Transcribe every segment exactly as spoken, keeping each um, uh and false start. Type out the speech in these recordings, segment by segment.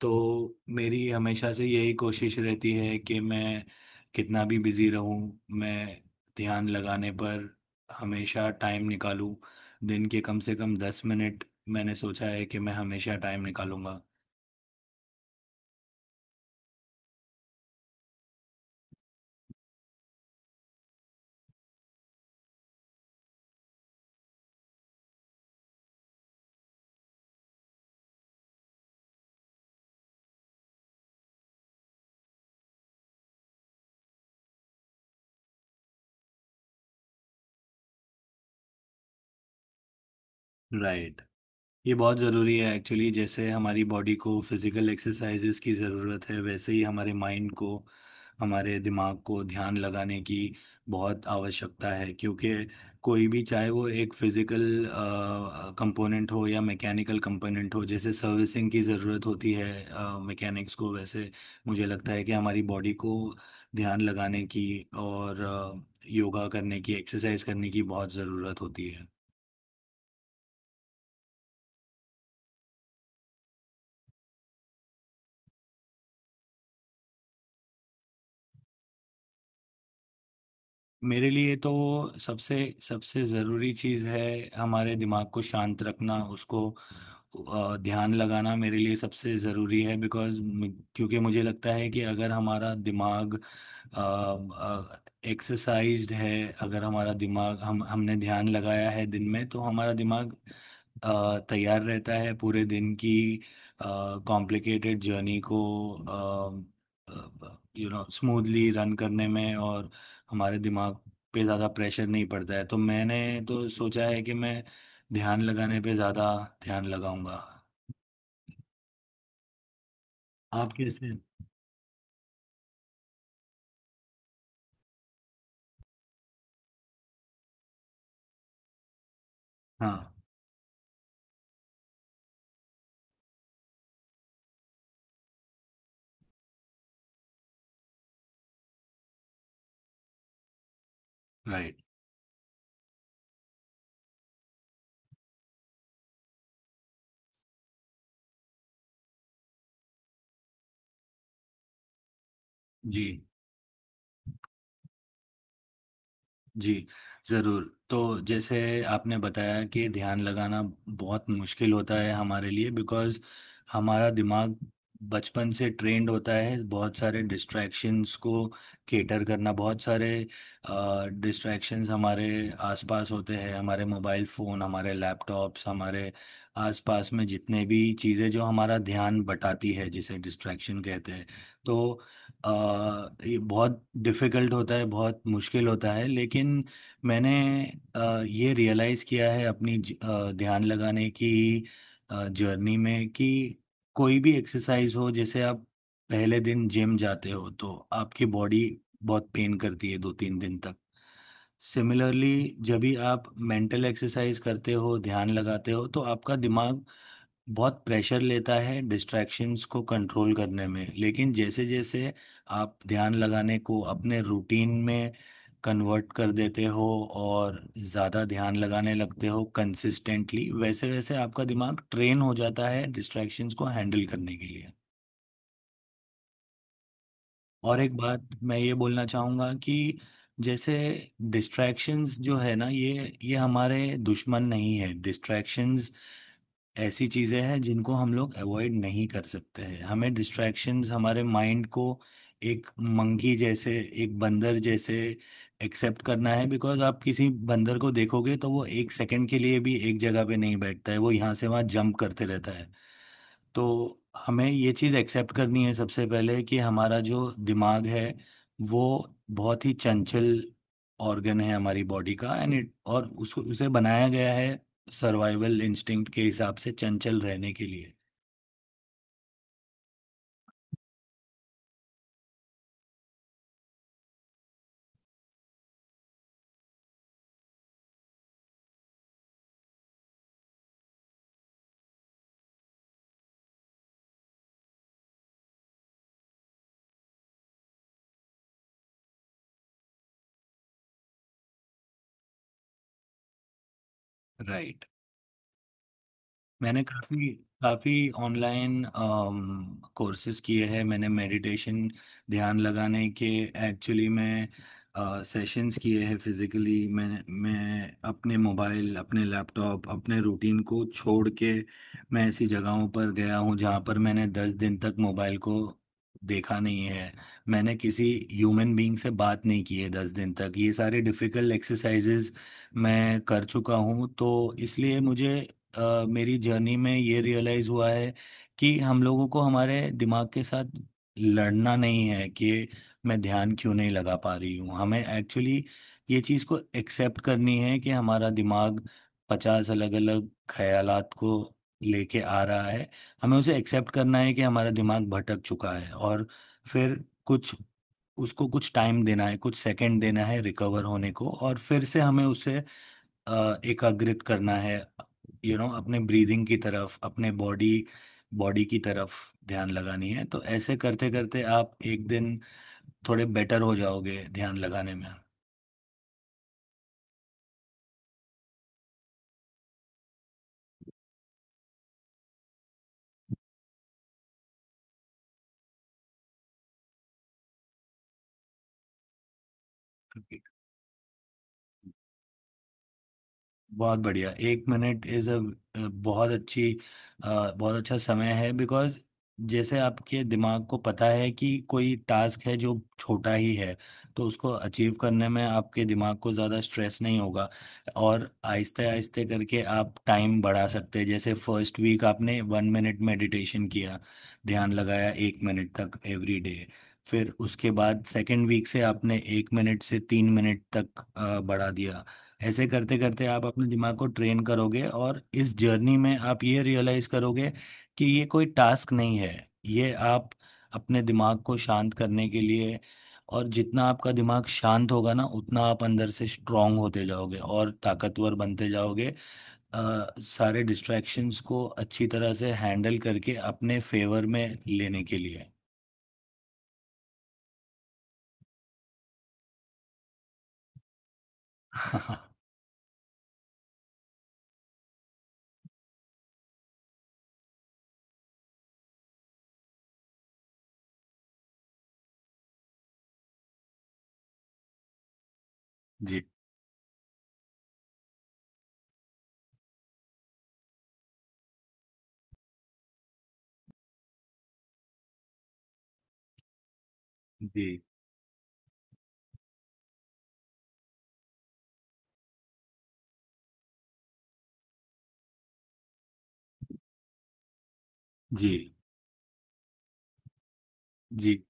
तो मेरी हमेशा से यही कोशिश रहती है कि मैं कितना भी बिज़ी रहूँ, मैं ध्यान लगाने पर हमेशा टाइम निकालूँ। दिन के कम से कम दस मिनट मैंने सोचा है कि मैं हमेशा टाइम निकालूँगा। राइट। ये बहुत ज़रूरी है एक्चुअली। जैसे हमारी बॉडी को फिज़िकल एक्सरसाइजेज़ की ज़रूरत है, वैसे ही हमारे माइंड को, हमारे दिमाग को ध्यान लगाने की बहुत आवश्यकता है। क्योंकि कोई भी चाहे वो एक फिज़िकल कंपोनेंट हो या मैकेनिकल कंपोनेंट हो, जैसे सर्विसिंग की ज़रूरत होती है मैकेनिक्स को, वैसे मुझे लगता है कि हमारी बॉडी को ध्यान लगाने की और अ, योगा करने की, एक्सरसाइज करने की बहुत ज़रूरत होती है। मेरे लिए तो सबसे सबसे ज़रूरी चीज़ है हमारे दिमाग को शांत रखना, उसको अ, ध्यान लगाना मेरे लिए सबसे ज़रूरी है। बिकॉज़ मु क्योंकि मुझे लगता है कि अगर हमारा दिमाग अ अ, एक्सरसाइज़्ड है, अगर हमारा दिमाग हम हमने ध्यान लगाया है दिन में, तो हमारा दिमाग अ, तैयार रहता है पूरे दिन की अ, कॉम्प्लिकेटेड जर्नी को अ, ब ब यू नो स्मूथली रन करने में, और हमारे दिमाग पे ज़्यादा प्रेशर नहीं पड़ता है। तो मैंने तो सोचा है कि मैं ध्यान लगाने पे ज़्यादा ध्यान लगाऊंगा। आप कैसे। हाँ। राइट। जी। जी, ज़रूर। तो जैसे आपने बताया कि ध्यान लगाना बहुत मुश्किल होता है हमारे लिए, बिकॉज़ हमारा दिमाग बचपन से ट्रेन्ड होता है बहुत सारे डिस्ट्रैक्शंस को कैटर करना। बहुत सारे अ, डिस्ट्रैक्शंस हमारे आस-पास होते हैं, हमारे मोबाइल फ़ोन, हमारे लैपटॉप्स, हमारे आस-पास में जितने भी चीज़ें जो हमारा ध्यान बटाती है, जिसे डिस्ट्रैक्शन कहते हैं। तो अ, ये बहुत डिफ़िकल्ट होता है, बहुत मुश्किल होता है, लेकिन मैंने अ, ये रियलाइज़ किया है अपनी ज अ, ध्यान लगाने की अ, जर्नी में कि कोई भी एक्सरसाइज़ हो, जैसे आप पहले दिन जिम जाते हो, तो आपकी बॉडी बहुत पेन करती है दो तीन दिन तक। सिमिलरली जब भी आप मेंटल एक्सरसाइज़ करते हो, ध्यान लगाते हो, तो आपका दिमाग बहुत प्रेशर लेता है डिस्ट्रैक्शंस को कंट्रोल करने में। लेकिन जैसे जैसे आप ध्यान लगाने को अपने रूटीन में कन्वर्ट कर देते हो और ज़्यादा ध्यान लगाने लगते हो कंसिस्टेंटली, वैसे वैसे आपका दिमाग ट्रेन हो जाता है डिस्ट्रैक्शंस को हैंडल करने के लिए। और एक बात मैं ये बोलना चाहूँगा कि जैसे डिस्ट्रैक्शंस जो है ना, ये ये हमारे दुश्मन नहीं है। डिस्ट्रैक्शंस ऐसी चीजें हैं जिनको हम लोग अवॉइड नहीं कर सकते हैं। हमें डिस्ट्रैक्शंस, हमारे माइंड को एक मंकी जैसे, एक बंदर जैसे एक्सेप्ट करना है। बिकॉज आप किसी बंदर को देखोगे तो वो एक सेकंड के लिए भी एक जगह पे नहीं बैठता है, वो यहाँ से वहाँ जंप करते रहता है। तो हमें ये चीज़ एक्सेप्ट करनी है सबसे पहले कि हमारा जो दिमाग है, वो बहुत ही चंचल ऑर्गन है हमारी बॉडी का। एंड इट और उसको, उसे बनाया गया है सर्वाइवल इंस्टिंक्ट के हिसाब से चंचल रहने के लिए। राइट। मैंने काफ़ी काफ़ी ऑनलाइन अम, कोर्सेज़ किए हैं। मैंने मेडिटेशन, ध्यान लगाने के एक्चुअली मैं अ, सेशंस किए हैं फिज़िकली। मैं मैं अपने मोबाइल, अपने लैपटॉप, अपने रूटीन को छोड़ के मैं ऐसी जगहों पर गया हूँ, जहाँ पर मैंने दस दिन तक मोबाइल को देखा नहीं है। मैंने किसी ह्यूमन बीइंग से बात नहीं की है दस दिन तक। ये सारे डिफ़िकल्ट एक्सरसाइज़ेज़ मैं कर चुका हूँ। तो इसलिए मुझे अ, मेरी जर्नी में ये रियलाइज़ हुआ है कि हम लोगों को हमारे दिमाग के साथ लड़ना नहीं है कि मैं ध्यान क्यों नहीं लगा पा रही हूँ। हमें एक्चुअली ये चीज़ को एक्सेप्ट करनी है कि हमारा दिमाग पचास अलग-अलग ख़्यालात को लेके आ रहा है। हमें उसे एक्सेप्ट करना है कि हमारा दिमाग भटक चुका है, और फिर कुछ उसको कुछ टाइम देना है, कुछ सेकंड देना है रिकवर होने को, और फिर से हमें उसे अ, एकाग्रित करना है, यू नो, अपने ब्रीदिंग की तरफ, अपने बॉडी बॉडी की तरफ ध्यान लगानी है। तो ऐसे करते करते आप एक दिन थोड़े बेटर हो जाओगे ध्यान लगाने में। बहुत बढ़िया। एक मिनट इज अ बहुत अच्छी अ, बहुत अच्छा समय है। बिकॉज जैसे आपके दिमाग को पता है कि कोई टास्क है जो छोटा ही है, तो उसको अचीव करने में आपके दिमाग को ज़्यादा स्ट्रेस नहीं होगा। और आहिस्ते आहिस्ते करके आप टाइम बढ़ा सकते हैं। जैसे फर्स्ट वीक आपने वन मिनट मेडिटेशन किया, ध्यान लगाया एक मिनट तक एवरी डे। फिर उसके बाद सेकेंड वीक से आपने एक मिनट से तीन मिनट तक अ, बढ़ा दिया। ऐसे करते करते आप अपने दिमाग को ट्रेन करोगे, और इस जर्नी में आप ये रियलाइज करोगे कि ये कोई टास्क नहीं है। ये आप अपने दिमाग को शांत करने के लिए, और जितना आपका दिमाग शांत होगा ना, उतना आप अंदर से स्ट्रांग होते जाओगे और ताकतवर बनते जाओगे, अ, सारे डिस्ट्रैक्शंस को अच्छी तरह से हैंडल करके अपने फेवर में लेने के लिए। जी। जी। जी। जी।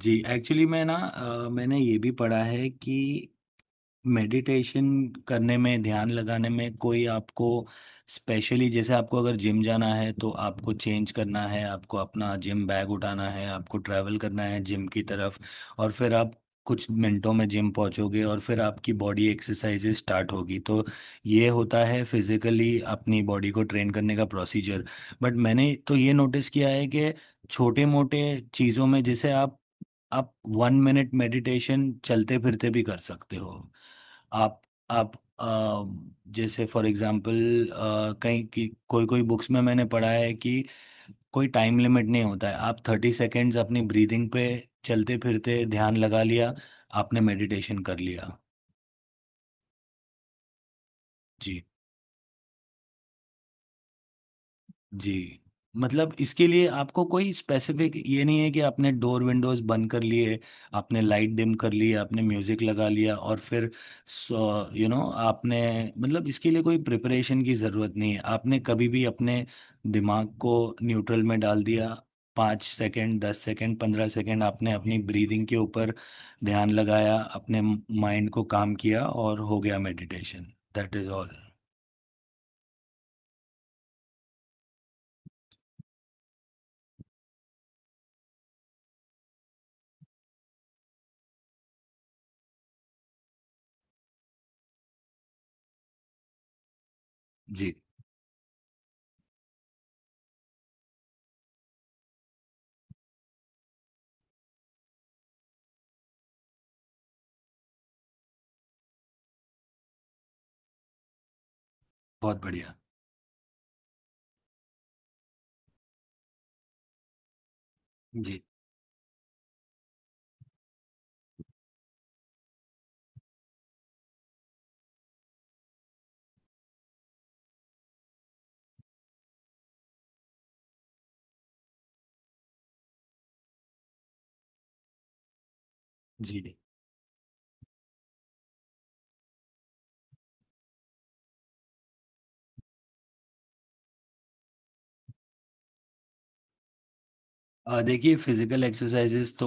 जी एक्चुअली मैं ना, अ, मैंने ये भी पढ़ा है कि मेडिटेशन करने में, ध्यान लगाने में कोई आपको स्पेशली, जैसे आपको अगर जिम जाना है तो आपको चेंज करना है, आपको अपना जिम बैग उठाना है, आपको ट्रैवल करना है जिम की तरफ, और फिर आप कुछ मिनटों में जिम पहुंचोगे, और फिर आपकी बॉडी एक्सरसाइजेज स्टार्ट होगी। तो ये होता है फिजिकली अपनी बॉडी को ट्रेन करने का प्रोसीजर। बट मैंने तो ये नोटिस किया है कि छोटे मोटे चीज़ों में, जैसे आप आप वन मिनट मेडिटेशन चलते फिरते भी कर सकते हो। आप आप अम, जैसे फॉर एग्जांपल, अ, कहीं की कोई कोई बुक्स में मैंने पढ़ा है कि कोई टाइम लिमिट नहीं होता है। आप थर्टी सेकेंड्स अपनी ब्रीदिंग पे चलते फिरते ध्यान लगा लिया, आपने मेडिटेशन कर लिया। जी। जी। मतलब इसके लिए आपको कोई स्पेसिफ़िक ये नहीं है कि आपने डोर विंडोज़ बंद कर लिए, आपने लाइट डिम कर ली, आपने म्यूज़िक लगा लिया, और फिर सो यू नो आपने, मतलब इसके लिए कोई प्रिपरेशन की ज़रूरत नहीं है। आपने कभी भी अपने दिमाग को न्यूट्रल में डाल दिया, पाँच सेकंड, दस सेकंड, पंद्रह सेकंड आपने अपनी ब्रीदिंग के ऊपर ध्यान लगाया, अपने म माइंड को काम किया, और हो गया मेडिटेशन। That is all. जी, बहुत बढ़िया। जी, जी। अ, देखिए फिजिकल एक्सरसाइजेस तो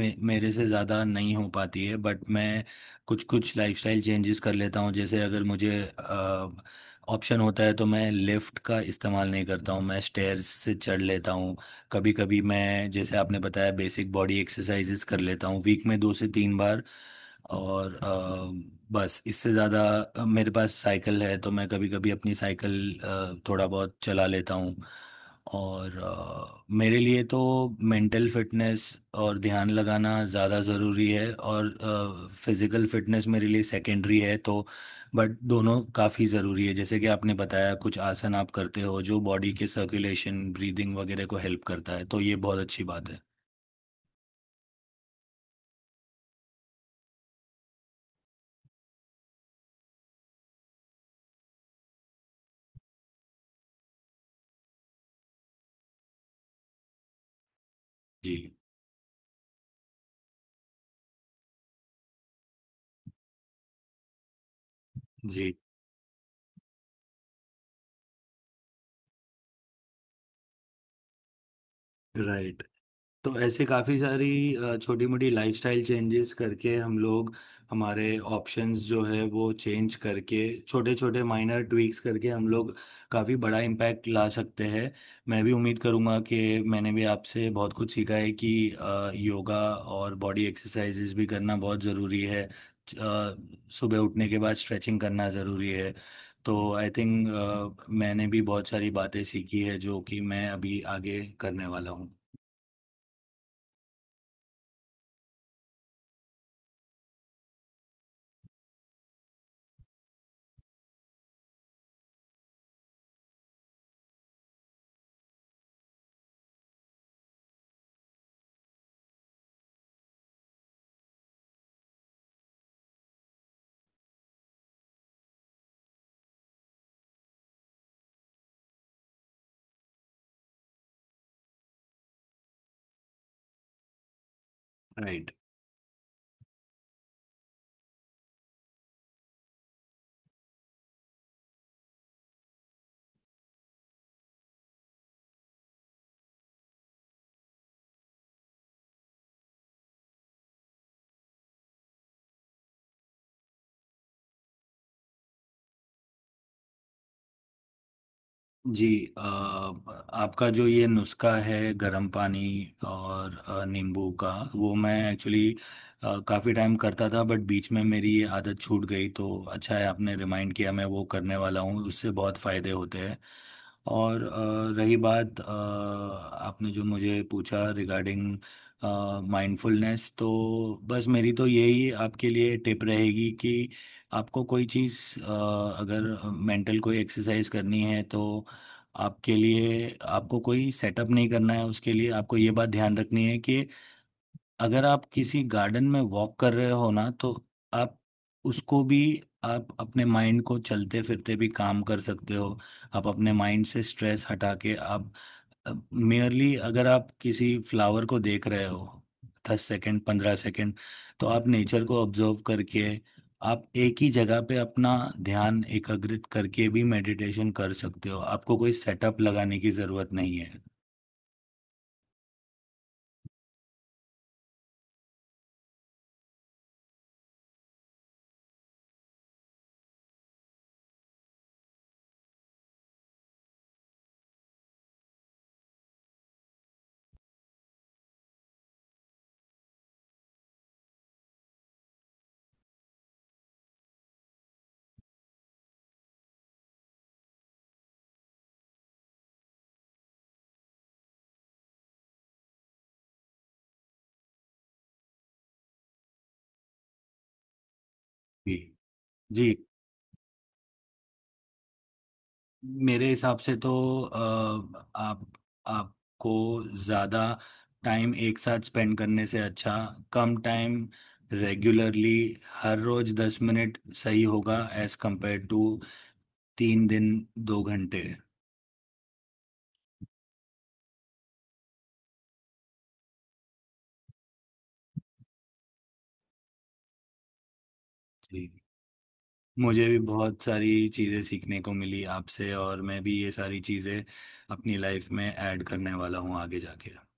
मे मेरे से ज़्यादा नहीं हो पाती है। बट मैं कुछ कुछ लाइफस्टाइल चेंजेस कर लेता हूँ। जैसे अगर मुझे ऑप्शन होता है तो मैं लिफ्ट का इस्तेमाल नहीं करता हूँ, मैं स्टेयर्स से चढ़ लेता हूँ। कभी कभी मैं, जैसे आपने बताया, बेसिक बॉडी एक्सरसाइजेस कर लेता हूँ वीक में दो से तीन बार। और अ, बस इससे ज़्यादा, मेरे पास साइकिल है तो मैं कभी कभी अपनी साइकिल अ, थोड़ा बहुत चला लेता हूँ। और अ, मेरे लिए तो मेंटल फिटनेस और ध्यान लगाना ज़्यादा ज़रूरी है, और फिज़िकल फिटनेस मेरे लिए सेकेंडरी है। तो बट दोनों काफ़ी ज़रूरी है। जैसे कि आपने बताया, कुछ आसन आप करते हो जो बॉडी के सर्कुलेशन, ब्रीदिंग वगैरह को हेल्प करता है, तो ये बहुत अच्छी बात है। जी। जी। राइट। तो ऐसे काफ़ी सारी अ, छोटी-मोटी लाइफ़स्टाइल चेंजेस करके हम लोग हमारे ऑप्शंस जो है वो चेंज करके, छोटे-छोटे माइनर ट्वीक्स करके हम लोग काफ़ी बड़ा इम्पैक्ट ला सकते हैं। मैं भी उम्मीद करूँगा कि, मैंने भी आपसे बहुत कुछ सीखा है कि अ, योगा और बॉडी एक्सरसाइज़ेस भी करना बहुत ज़रूरी है। च अ, सुबह उठने के बाद स्ट्रेचिंग करना ज़रूरी है। तो आई थिंक अ, मैंने भी बहुत सारी बातें सीखी है जो कि मैं अभी आगे करने वाला हूँ। राइट। जी। अ, आपका जो ये नुस्खा है गरम पानी और अ, नींबू का, वो मैं एक्चुअली काफ़ी टाइम करता था। बट बीच में मेरी ये आदत छूट गई। तो अच्छा है आपने रिमाइंड किया, मैं वो करने वाला हूँ, उससे बहुत फ़ायदे होते हैं। और अ, रही बात अ, आपने जो मुझे पूछा रिगार्डिंग माइंडफुलनेस, तो बस मेरी तो यही आपके लिए टिप रहेगी कि आपको कोई चीज़, अ, अगर मेंटल कोई एक्सरसाइज करनी है तो आपके लिए, आपको कोई सेटअप नहीं करना है उसके लिए। आपको ये बात ध्यान रखनी है कि अगर आप किसी गार्डन में वॉक कर रहे हो ना, तो आप उसको भी आप अपने माइंड को चलते-फिरते भी काम कर सकते हो। आप अपने माइंड से स्ट्रेस हटा के आप अ, मेयरली अगर आप किसी फ्लावर को देख रहे हो, दस सेकंड, पंद्रह सेकंड, तो आप नेचर को ऑब्ज़र्व करके आप एक ही जगह पे अपना ध्यान एकाग्रित करके भी मेडिटेशन कर सकते हो। आपको कोई सेटअप लगाने की ज़रूरत नहीं है। जी। जी। मेरे हिसाब से तो अ, आप आपको ज़्यादा टाइम एक साथ स्पेंड करने से अच्छा, कम टाइम रेगुलरली, हर रोज दस मिनट सही होगा एज कंपेयर टू तीन दिन दो घंटे। जी। मुझे भी बहुत सारी चीज़ें सीखने को मिली आपसे, और मैं भी ये सारी चीज़ें अपनी लाइफ में ऐड करने वाला हूँ आगे जाके।